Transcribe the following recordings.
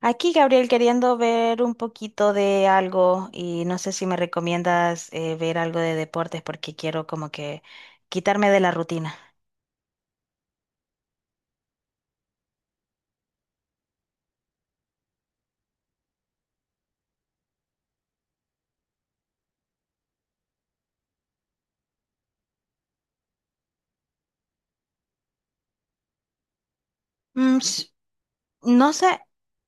Aquí, Gabriel, queriendo ver un poquito de algo y no sé si me recomiendas ver algo de deportes porque quiero como que quitarme de la rutina. Mm, s- no sé,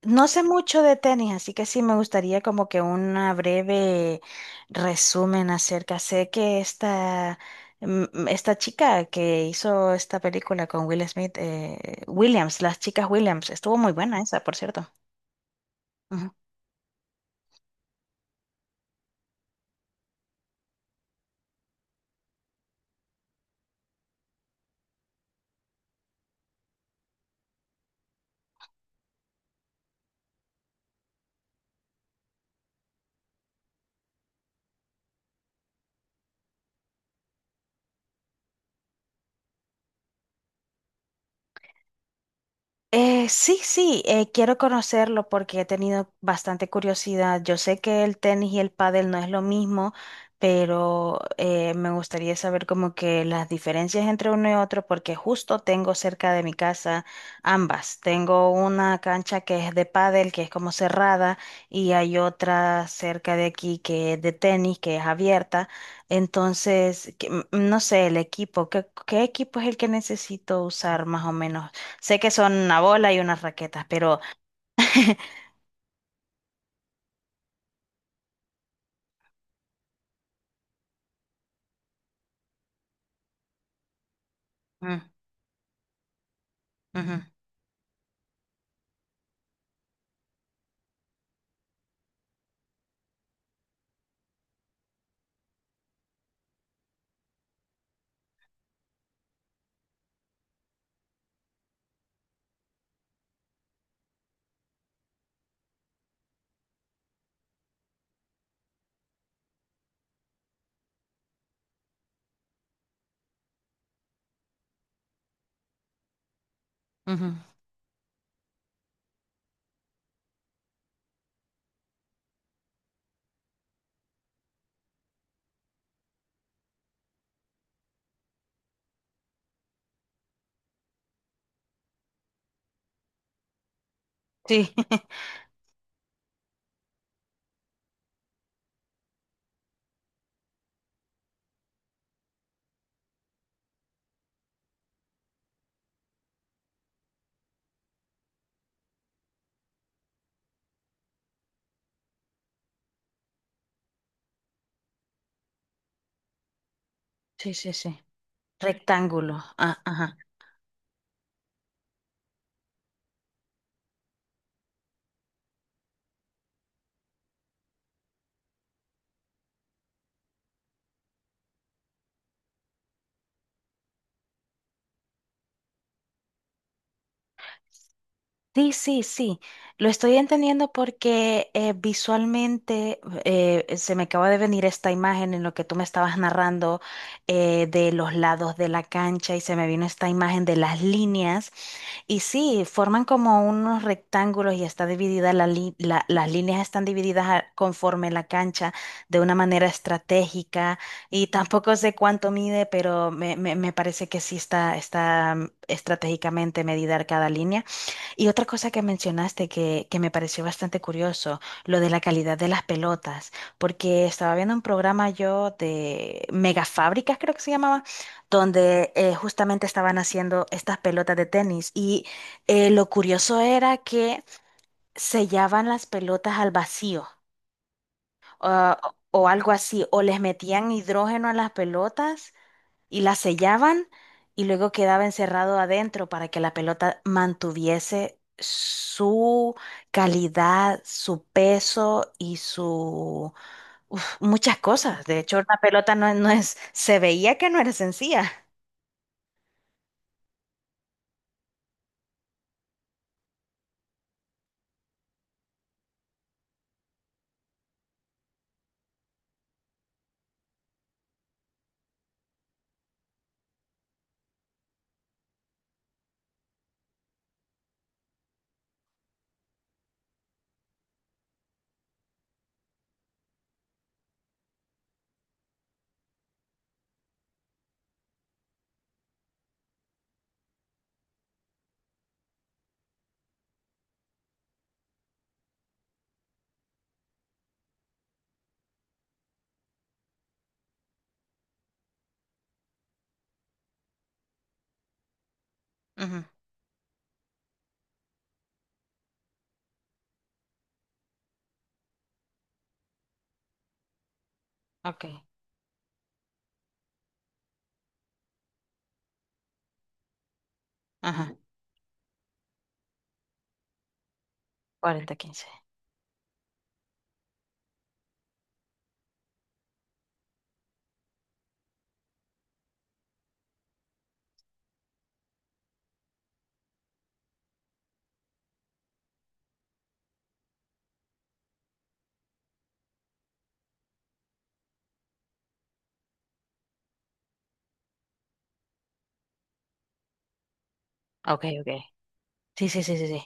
no sé mucho de tenis, así que sí me gustaría como que una breve resumen acerca. Sé que esta chica que hizo esta película con Will Smith, Williams, las chicas Williams, estuvo muy buena esa, por cierto. Sí, sí, quiero conocerlo porque he tenido bastante curiosidad. Yo sé que el tenis y el pádel no es lo mismo, pero me gustaría saber como que las diferencias entre uno y otro porque justo tengo cerca de mi casa ambas. Tengo una cancha que es de pádel, que es como cerrada, y hay otra cerca de aquí que es de tenis, que es abierta. Entonces, no sé, el equipo, ¿qué equipo es el que necesito usar más o menos? Sé que son una bola y unas raquetas, pero... Mm, ujú, ujú. Sí, sí, sí, sí. Rectángulo. Ah, ajá. Sí, sí, sí. Lo estoy entendiendo porque visualmente se me acaba de venir esta imagen en lo que tú me estabas narrando de los lados de la cancha y se me vino esta imagen de las líneas. Y sí, forman como unos rectángulos y está dividida las líneas están divididas a- conforme la cancha de una manera estratégica y tampoco sé cuánto mide, pero me parece que sí está, estratégicamente medida cada línea. Y otra cosa que mencionaste que me pareció bastante curioso, lo de la calidad de las pelotas, porque estaba viendo un programa yo de Megafábricas, creo que se llamaba, donde justamente estaban haciendo estas pelotas de tenis y lo curioso era que sellaban las pelotas al vacío ah, o algo así, o les metían hidrógeno a las pelotas y la sellaban y luego quedaba encerrado adentro para que la pelota mantuviese su calidad, su peso y su... uf, muchas cosas. De hecho, una pelota no es... Se veía que no era sencilla. Ujú, ok. Ajá. 40-15. Ok, ok. Sí, sí, sí, sí, sí.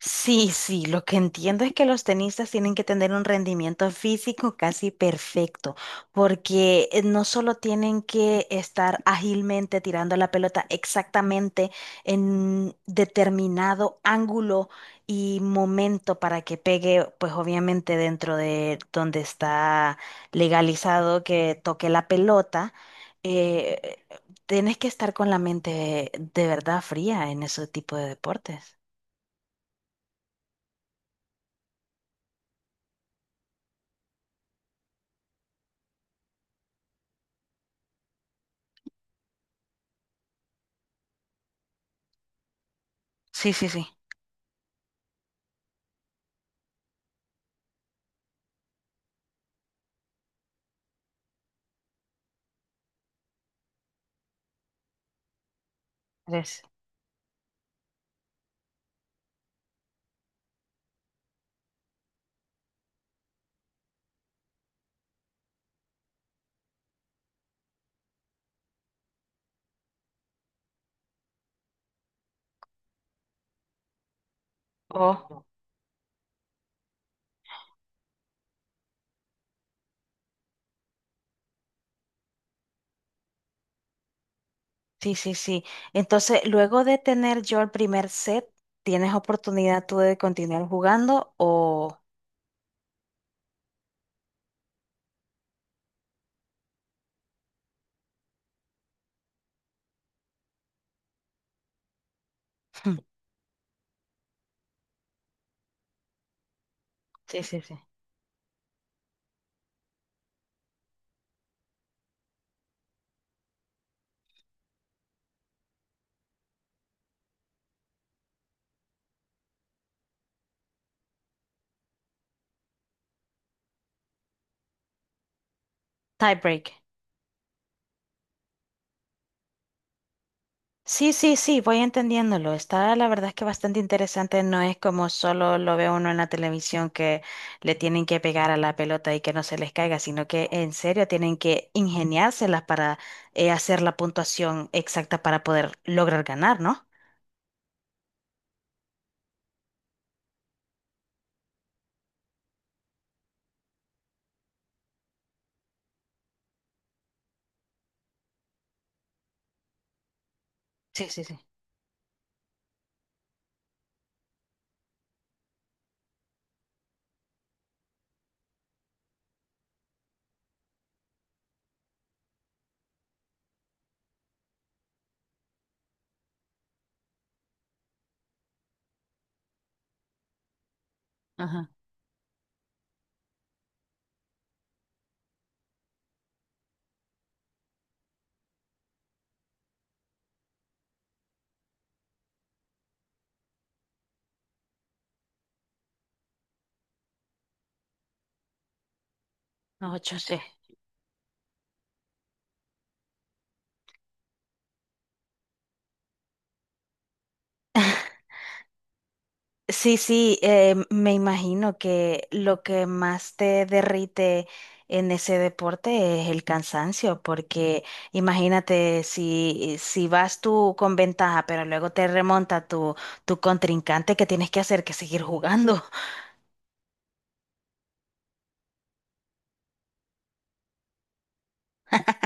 Sí, sí, lo que entiendo es que los tenistas tienen que tener un rendimiento físico casi perfecto, porque no solo tienen que estar ágilmente tirando la pelota exactamente en determinado ángulo y momento para que pegue, pues obviamente dentro de donde está legalizado que toque la pelota, eh, tienes que estar con la mente de verdad fría en ese tipo de deportes. Sí, sí, sí. 3. Oh, sí, sí, sí. Entonces, luego de tener yo el primer set, ¿tienes oportunidad tú de continuar jugando o...? Hmm, sí, sí, sí. Tie break. Sí, sí, sí, voy entendiéndolo. Está la verdad es que bastante interesante. No es como solo lo ve uno en la televisión que le tienen que pegar a la pelota y que no se les caiga, sino que en serio tienen que ingeniárselas para hacer la puntuación exacta para poder lograr ganar, ¿no? Sí, sí, sí. Ajá. 8, sí. Sí, sí, me imagino que lo que más te derrite en ese deporte es el cansancio, porque imagínate si vas tú con ventaja, pero luego te remonta tu contrincante, ¿qué tienes que hacer? Que seguir jugando.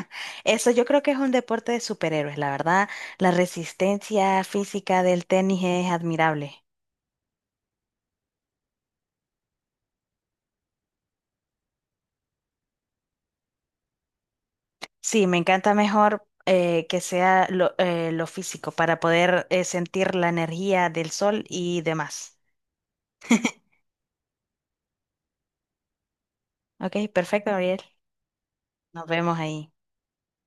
Eso yo creo que es un deporte de superhéroes, la verdad. La resistencia física del tenis es admirable. Sí, me encanta mejor que sea lo físico para poder sentir la energía del sol y demás. Ok, perfecto, Gabriel. Nos vemos ahí.